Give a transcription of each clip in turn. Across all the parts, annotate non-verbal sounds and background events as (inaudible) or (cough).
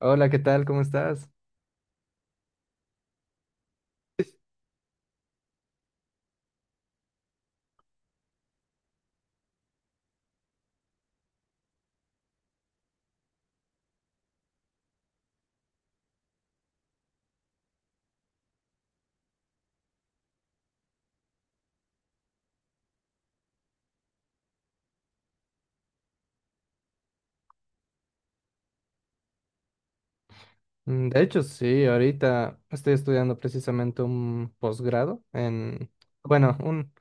Hola, ¿qué tal? ¿Cómo estás? Mm, de hecho, sí, ahorita estoy estudiando precisamente un posgrado en, bueno, un,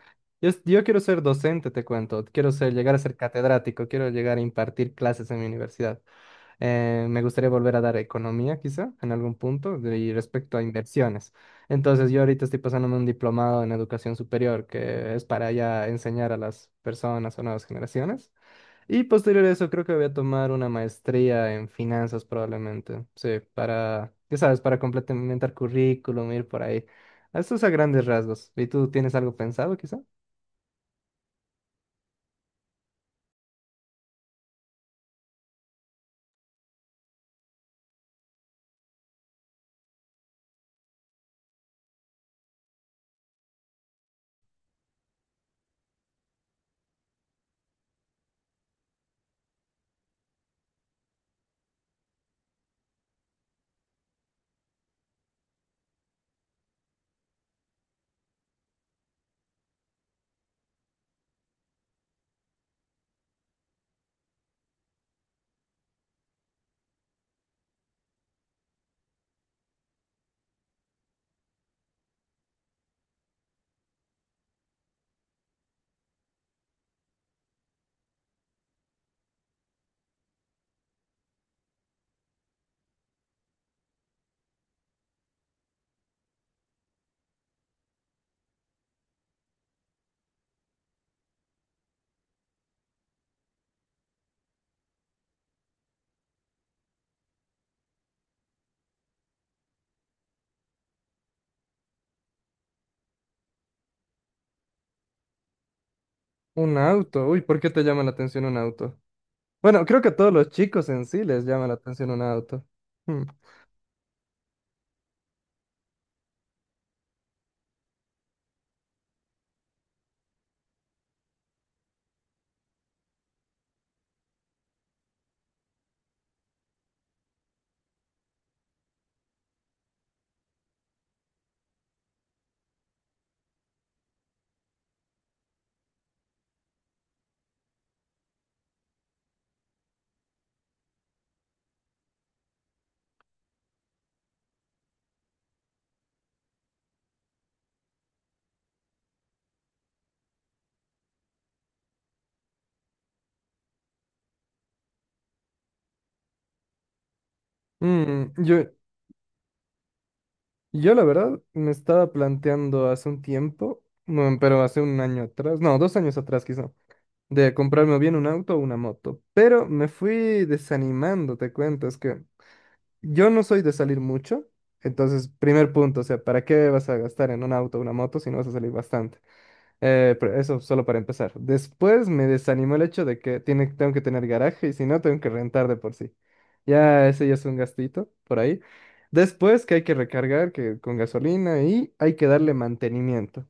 yo, es- yo quiero ser docente, te cuento, llegar a ser catedrático, quiero llegar a impartir clases en mi universidad. Me gustaría volver a dar economía, quizá, en algún punto, y respecto a inversiones. Entonces, yo ahorita estoy pasándome un diplomado en educación superior, que es para ya enseñar a las personas o nuevas generaciones. Y posterior a eso, creo que voy a tomar una maestría en finanzas probablemente. Sí, para, ya sabes, para complementar currículum, ir por ahí. Esto es a grandes rasgos. ¿Y tú tienes algo pensado, quizá? Un auto. Uy, ¿por qué te llama la atención un auto? Bueno, creo que a todos los chicos en sí les llama la atención un auto. Hmm. Mm, yo, yo la verdad me estaba planteando hace un tiempo, bueno, pero hace un año atrás, no, 2 años atrás quizá, de comprarme o bien un auto o una moto. Pero me fui desanimando, te cuento, es que yo no soy de salir mucho. Entonces, primer punto, o sea, ¿para qué vas a gastar en un auto o una moto si no vas a salir bastante? Pero eso solo para empezar. Después me desanimó el hecho de que tengo que tener garaje y si no, tengo que rentar de por sí. Ya ese ya es un gastito por ahí. Después que hay que recargar que con gasolina y hay que darle mantenimiento.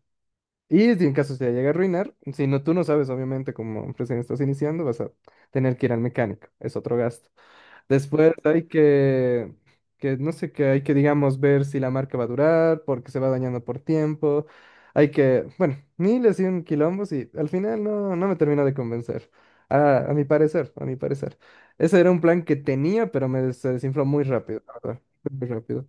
Y si en caso se llega a arruinar, si no, tú no sabes, obviamente, como recién estás iniciando, vas a tener que ir al mecánico. Es otro gasto. Después hay que no sé qué, hay que, digamos, ver si la marca va a durar, porque se va dañando por tiempo. Hay que, bueno, miles y un quilombos y al final no, no me terminó de convencer. A mi parecer, a mi parecer. Ese era un plan que tenía, pero se desinfló muy rápido, la verdad. Muy rápido.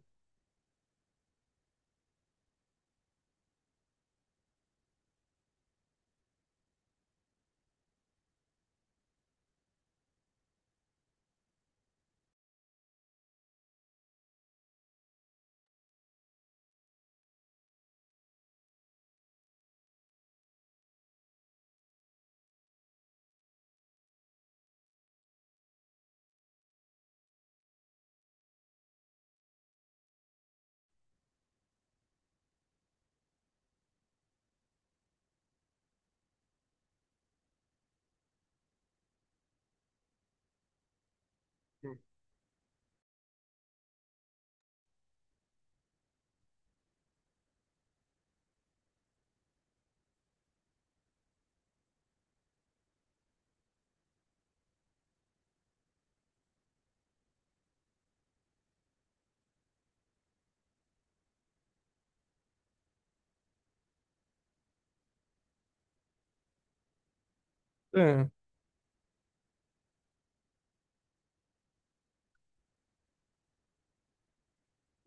Sí.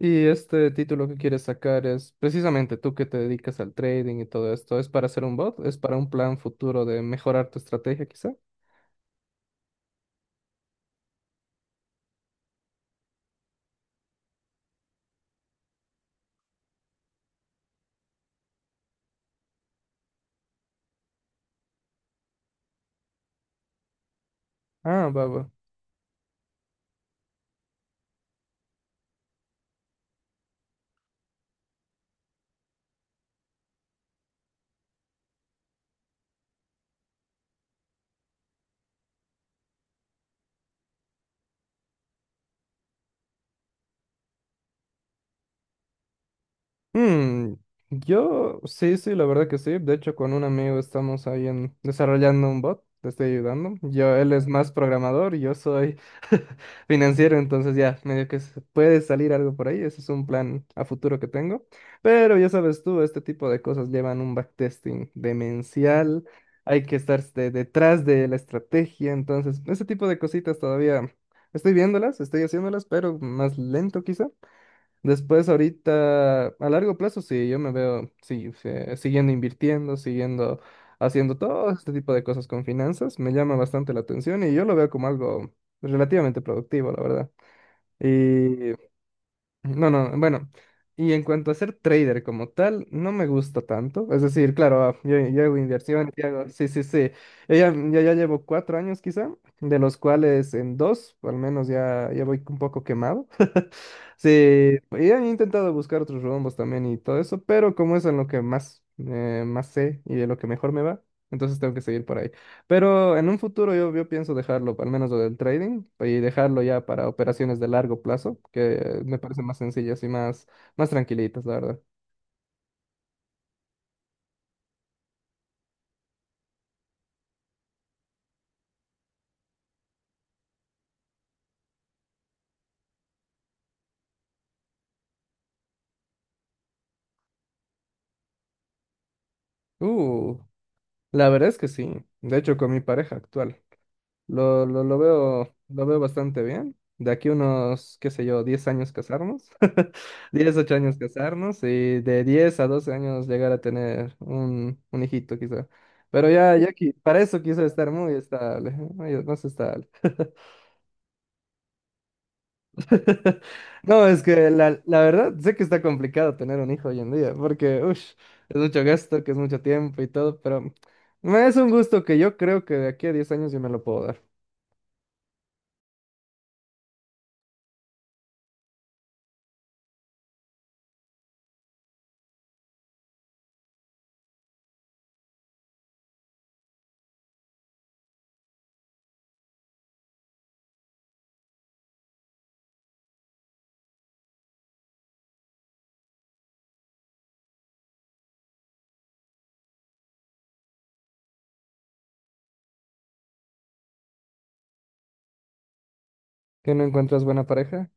¿Y este título que quieres sacar es precisamente tú que te dedicas al trading y todo esto? ¿Es para hacer un bot? ¿Es para un plan futuro de mejorar tu estrategia quizá? Ah, va, va. Hmm, yo sí, sí, la verdad que sí. De hecho, con un amigo estamos ahí en, desarrollando un bot, te estoy ayudando. Yo, él es más programador y yo soy (laughs) financiero, entonces ya, medio que puede salir algo por ahí. Ese es un plan a futuro que tengo. Pero ya sabes tú, este tipo de cosas llevan un backtesting demencial. Hay que estar detrás de la estrategia. Entonces, ese tipo de cositas todavía estoy viéndolas, estoy haciéndolas, pero más lento quizá. Después, ahorita, a largo plazo, sí, yo me veo sí, sí, siguiendo invirtiendo, siguiendo haciendo todo este tipo de cosas con finanzas. Me llama bastante la atención y yo lo veo como algo relativamente productivo, la verdad. Y no, no, bueno. Y en cuanto a ser trader como tal, no me gusta tanto. Es decir, claro, yo hago inversión, yo hago, sí, sí, sí. Yo ya llevo 4 años quizá, de los cuales en dos, al menos ya, ya voy un poco quemado. Sí, y he intentado buscar otros rombos también y todo eso, pero como es en lo que más, más sé y de lo que mejor me va, entonces tengo que seguir por ahí. Pero en un futuro yo, yo pienso dejarlo, al menos lo del trading, y dejarlo ya para operaciones de largo plazo, que me parecen más sencillas y más, más tranquilitas, la verdad. Uh, la verdad es que sí. De hecho, con mi pareja actual, lo veo bastante bien. De aquí unos, qué sé yo, 10 años casarnos. 10 8 años casarnos y de 10 a 12 años llegar a tener un hijito quizá. Pero para eso quiso estar muy estable, más estable. (laughs) No, es que la verdad sé que está complicado tener un hijo hoy en día, porque es mucho gasto, que es mucho tiempo y todo, pero es un gusto que yo creo que de aquí a 10 años yo me lo puedo dar. ¿Que no encuentras buena pareja?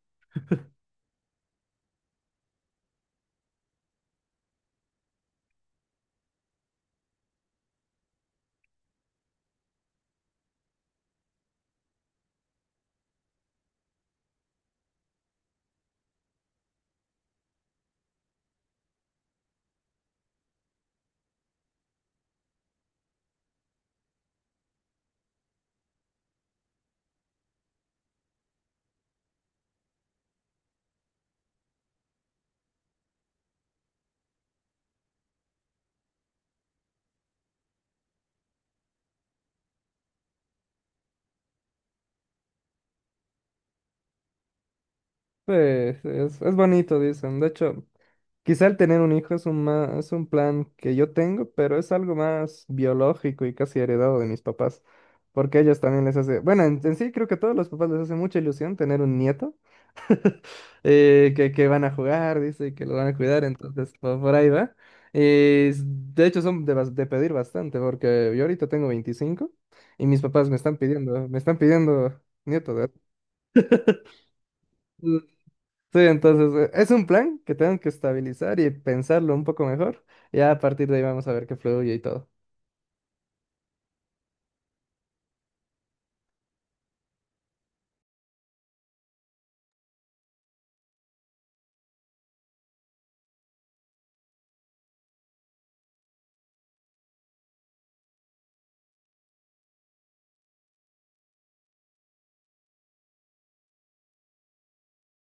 Sí, sí, es bonito, dicen. De hecho, quizá el tener un hijo es un, es un plan que yo tengo, pero es algo más biológico y casi heredado de mis papás, porque a ellos también les hace, bueno, en sí creo que a todos los papás les hace mucha ilusión tener un nieto, que van a jugar, dice, y que lo van a cuidar, entonces por ahí va. De hecho son de, de pedir bastante, porque yo ahorita tengo 25 y mis papás me están pidiendo nieto, ¿verdad? Sí, entonces es un plan que tengo que estabilizar y pensarlo un poco mejor. Ya a partir de ahí vamos a ver qué fluye y todo.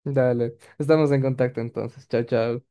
Dale, estamos en contacto entonces. Chao, chao.